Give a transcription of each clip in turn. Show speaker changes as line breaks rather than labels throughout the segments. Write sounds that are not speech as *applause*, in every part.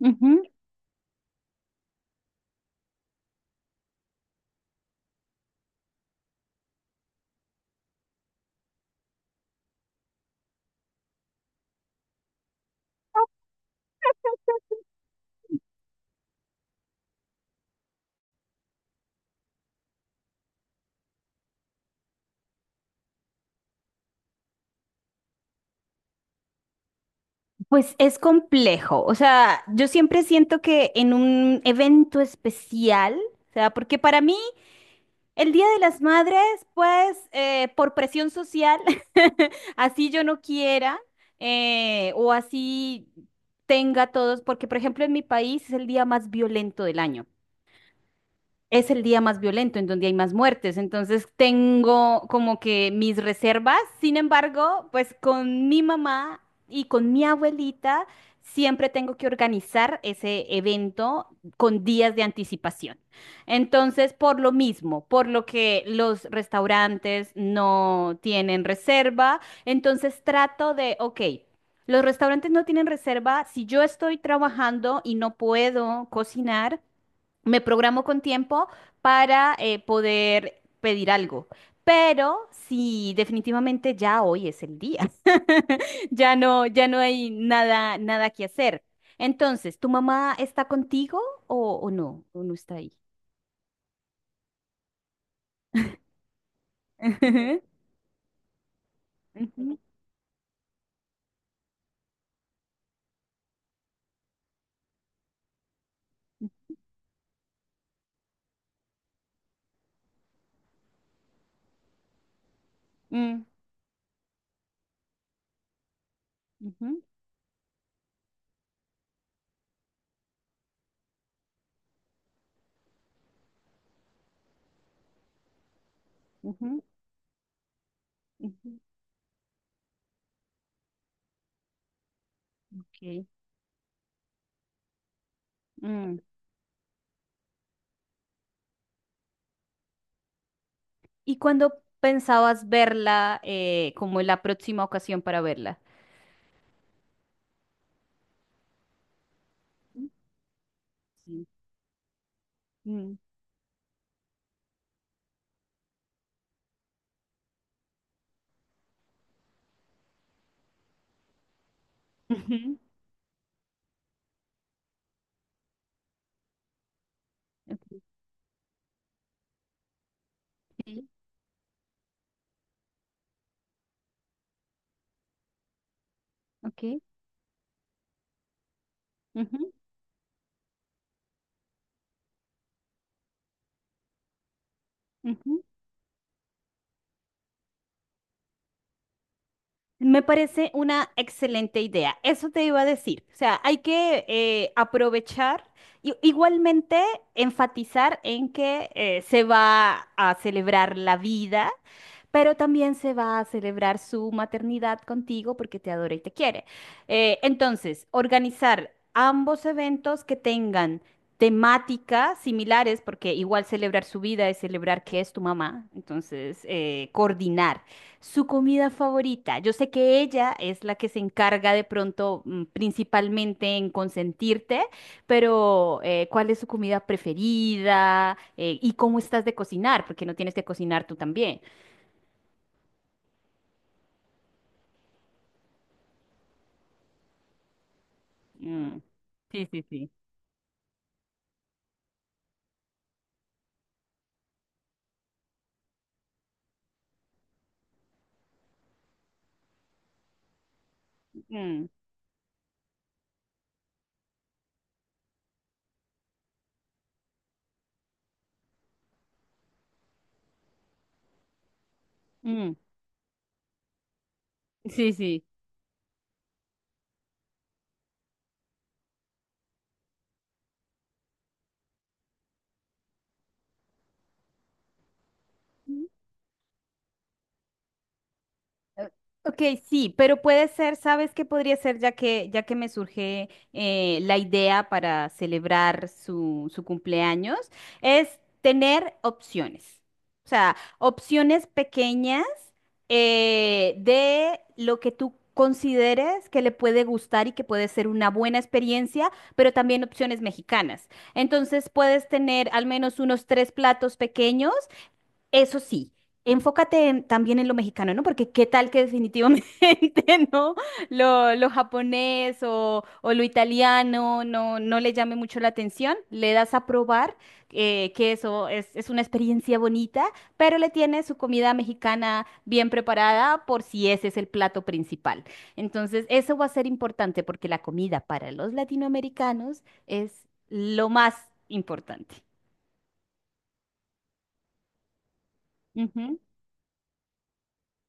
Ujú. Pues es complejo, o sea, yo siempre siento que en un evento especial, o sea, porque para mí el Día de las Madres, pues por presión social, *laughs* así yo no quiera o así tenga todos, porque por ejemplo en mi país es el día más violento del año. Es el día más violento, en donde hay más muertes. Entonces tengo como que mis reservas. Sin embargo, pues con mi mamá y con mi abuelita siempre tengo que organizar ese evento con días de anticipación. Entonces, por lo mismo, por lo que los restaurantes no tienen reserva, entonces trato de, ok. Los restaurantes no tienen reserva. Si yo estoy trabajando y no puedo cocinar, me programo con tiempo para poder pedir algo. Pero sí, definitivamente ya hoy es el día. *laughs* Ya no, ya no hay nada que hacer. Entonces, ¿tu mamá está contigo o no? ¿O no está ahí? *laughs* Ujú, ujú, mm, ujú, ujú, ujú, ok, mm. ¿Y cuándo pensabas verla como la próxima ocasión para verla? Mm. Sí. Mm. *laughs* Ujú, ok, sí, ok. Ujú, ujú. Me parece una excelente idea. Eso te iba a decir. O sea, hay que aprovechar y igualmente enfatizar en que se va a celebrar la vida, pero también se va a celebrar su maternidad contigo porque te adora y te quiere. Entonces, organizar ambos eventos que tengan temáticas similares, porque igual celebrar su vida es celebrar que es tu mamá. Entonces, coordinar. Su comida favorita. Yo sé que ella es la que se encarga de pronto mm, principalmente en consentirte, pero ¿cuál es su comida preferida? ¿Y cómo estás de cocinar? Porque no tienes que cocinar tú también. Mm. Sí, sí, sí. Mm, mm. Sí, sí. Eh, Ok, sí, pero puede ser, ¿sabes qué podría ser? Ya que me surge la idea para celebrar su cumpleaños, es tener opciones. O sea, opciones pequeñas de lo que tú consideres que le puede gustar y que puede ser una buena experiencia, pero también opciones mexicanas. Entonces puedes tener al menos unos tres platos pequeños, eso sí, enfócate en- también en lo mexicano, ¿no? Porque qué tal que definitivamente, *laughs* ¿no? Lo japonés o lo italiano no, no le llame mucho la atención. Le das a probar que eso es una experiencia bonita, pero le tienes su comida mexicana bien preparada por si ese es el plato principal. Entonces, eso va a ser importante porque la comida para los latinoamericanos es lo más importante. Ujú.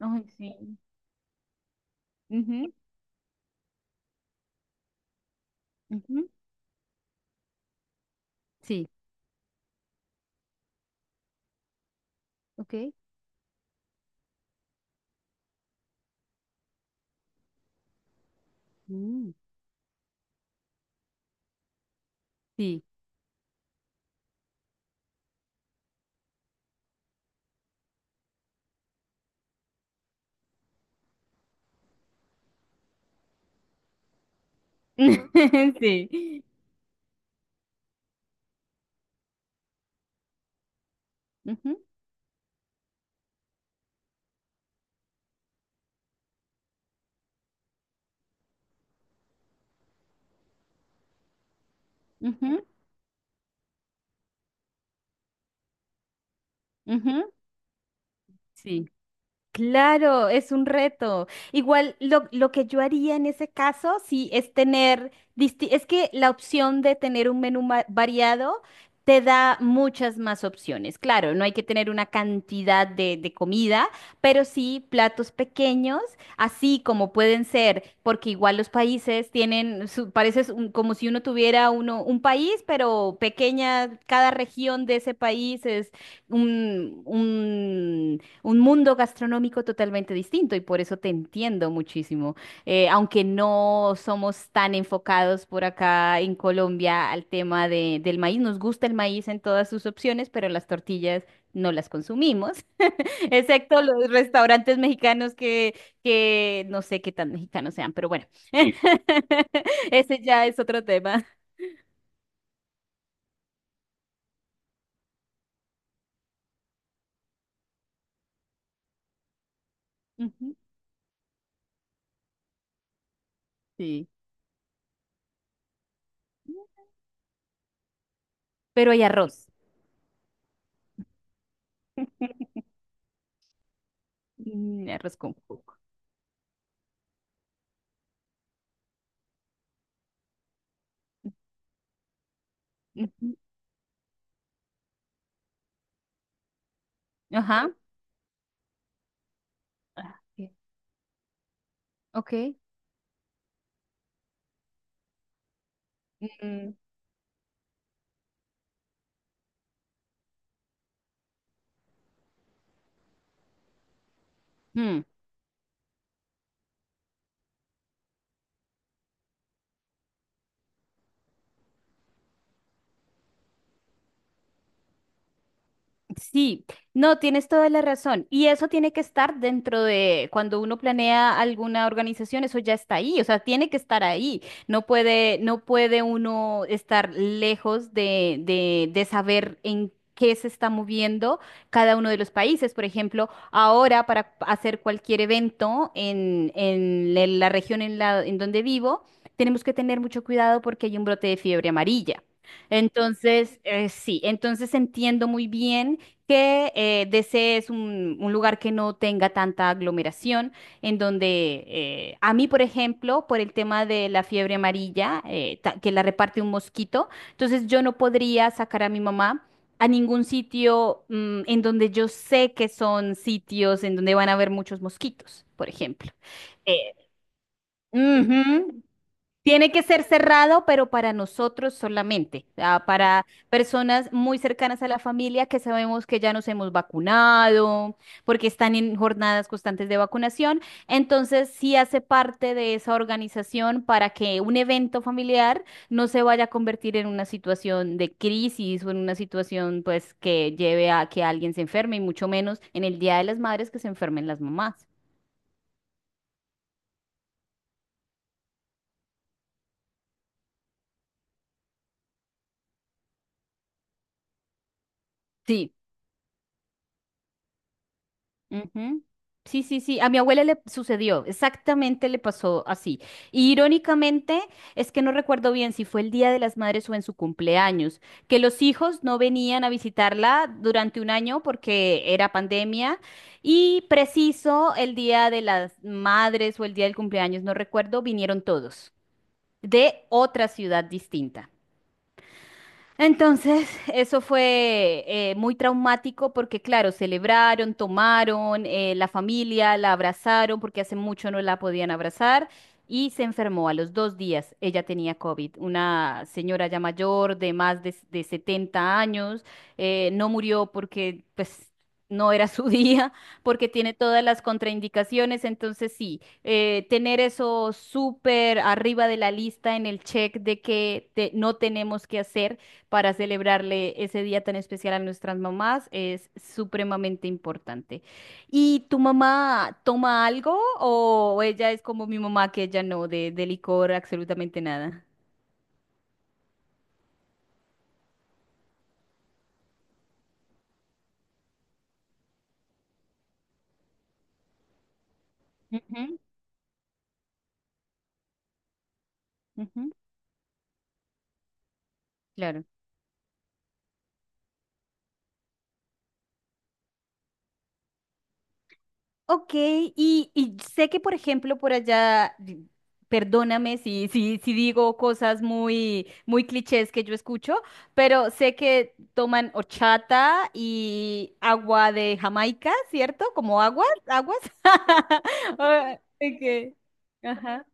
Ay, sí. Ujú. Ujú, sí, ¿ok? Mm, sí, *laughs* sí, ujú, ujú, ujú, sí. Claro, es un reto. Igual lo que yo haría en ese caso, sí, es tener, disti- es que la opción de tener un menú ma- variado te da muchas más opciones. Claro, no hay que tener una cantidad de comida, pero sí platos pequeños, así como pueden ser, porque igual los países tienen, su- parece es un- como si uno tuviera uno, un país, pero pequeña, cada región de ese país es un un mundo gastronómico totalmente distinto y por eso te entiendo muchísimo. Aunque no somos tan enfocados por acá en Colombia al tema de- del maíz, nos gusta el maíz en todas sus opciones, pero las tortillas no las consumimos, *laughs* excepto los restaurantes mexicanos que no sé qué tan mexicanos sean, pero bueno, *laughs* ese ya es otro tema. Ujú. Sí, pero hay arroz. *laughs* Mm, arroz con coco. Ujú. Ajá. Ah, ok. Ok. Mm. Hmm. Sí, no, tienes toda la razón. Y eso tiene que estar dentro de cuando uno planea alguna organización, eso ya está ahí, o sea, tiene que estar ahí. No puede, no puede uno estar lejos de saber en qué se está moviendo cada uno de los países. Por ejemplo, ahora para hacer cualquier evento en la región en la, en donde vivo, tenemos que tener mucho cuidado porque hay un brote de fiebre amarilla. Entonces, sí, entonces entiendo muy bien que desees un lugar que no tenga tanta aglomeración, en donde a mí, por ejemplo, por el tema de la fiebre amarilla, ta- que la reparte un mosquito, entonces yo no podría sacar a mi mamá a ningún sitio mm, en donde yo sé que son sitios en donde van a haber muchos mosquitos, por ejemplo. Eh, ujú, tiene que ser cerrado, pero para nosotros solamente, ah, para personas muy cercanas a la familia que sabemos que ya nos hemos vacunado, porque están en jornadas constantes de vacunación. Entonces, sí hace parte de esa organización para que un evento familiar no se vaya a convertir en una situación de crisis o en una situación pues que lleve a que alguien se enferme y mucho menos en el Día de las Madres que se enfermen las mamás. Ujú. Sí, sí, sí. A mi abuela le sucedió, exactamente le pasó así. Y irónicamente, es que no recuerdo bien si fue el Día de las Madres o en su cumpleaños, que los hijos no venían a visitarla durante un año porque era pandemia y preciso el Día de las Madres o el Día del cumpleaños, no recuerdo, vinieron todos de otra ciudad distinta. Entonces, eso fue muy traumático porque, claro, celebraron, tomaron, la familia la abrazaron porque hace mucho no la podían abrazar y se enfermó a los dos días. Ella tenía COVID, una señora ya mayor de más de 70 años, no murió porque, pues, no era su *laughs* día, porque tiene todas las contraindicaciones. Entonces, sí, tener eso súper arriba de la lista en el check de que te- no tenemos que hacer para celebrarle ese día tan especial a nuestras mamás es supremamente importante. ¿Y tu mamá toma algo o ella es como mi mamá que ella no, de licor absolutamente nada? Ujú. Ujú, claro. Ok, y sé que, por ejemplo, por allá, di- perdóname si, si, si digo cosas muy, muy clichés que yo escucho, pero sé que toman horchata y agua de Jamaica, ¿cierto? Como aguas, aguas. *laughs* Ah, ok, ajá.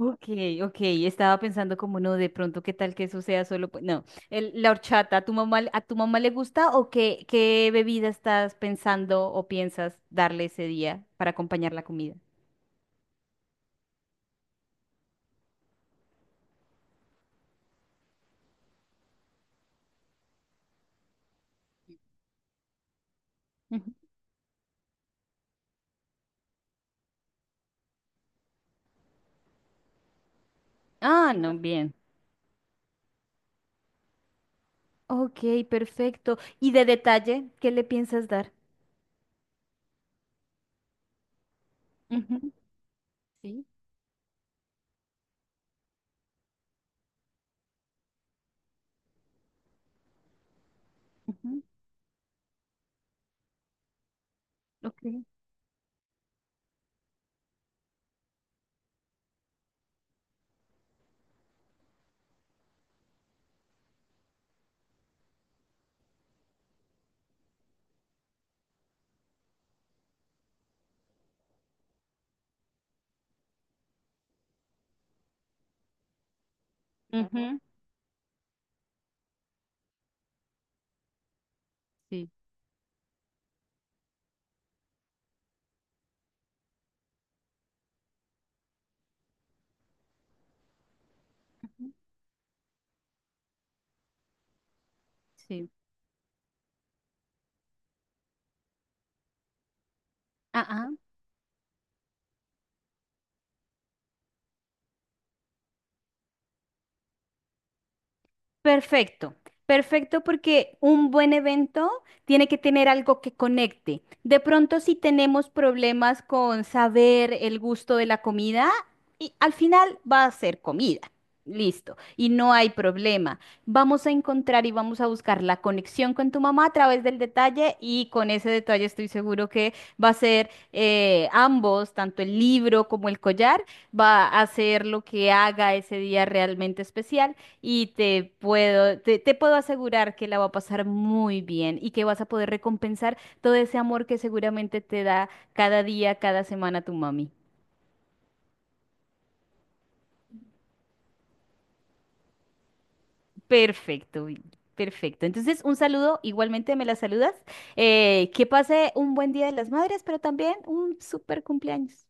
Ok, ok, estaba pensando como no, de pronto qué tal que eso sea solo, pues, no, el- la horchata, a tu mamá le gusta o qué, qué bebida estás pensando o piensas darle ese día para acompañar la comida? Ujú. Ah, no, bien. Ok, perfecto. ¿Y de detalle, qué le piensas dar? Ujú. Sí. Ujú. Ok. Ujú. Sí, sí. Ah, ah. Perfecto, perfecto porque un buen evento tiene que tener algo que conecte. De pronto si tenemos problemas con saber el gusto de la comida, y al final va a ser comida. Listo, y no hay problema. Vamos a encontrar y vamos a buscar la conexión con tu mamá a través del detalle y con ese detalle estoy seguro que va a ser ambos, tanto el libro como el collar, va a hacer lo que haga ese día realmente especial. Y te puedo, te puedo asegurar que la va a pasar muy bien y que vas a poder recompensar todo ese amor que seguramente te da cada día, cada semana tu mami. Perfecto, Vicky, perfecto. Entonces, un saludo, igualmente me la saludas. Que pase un buen Día de las Madres, pero también un súper cumpleaños.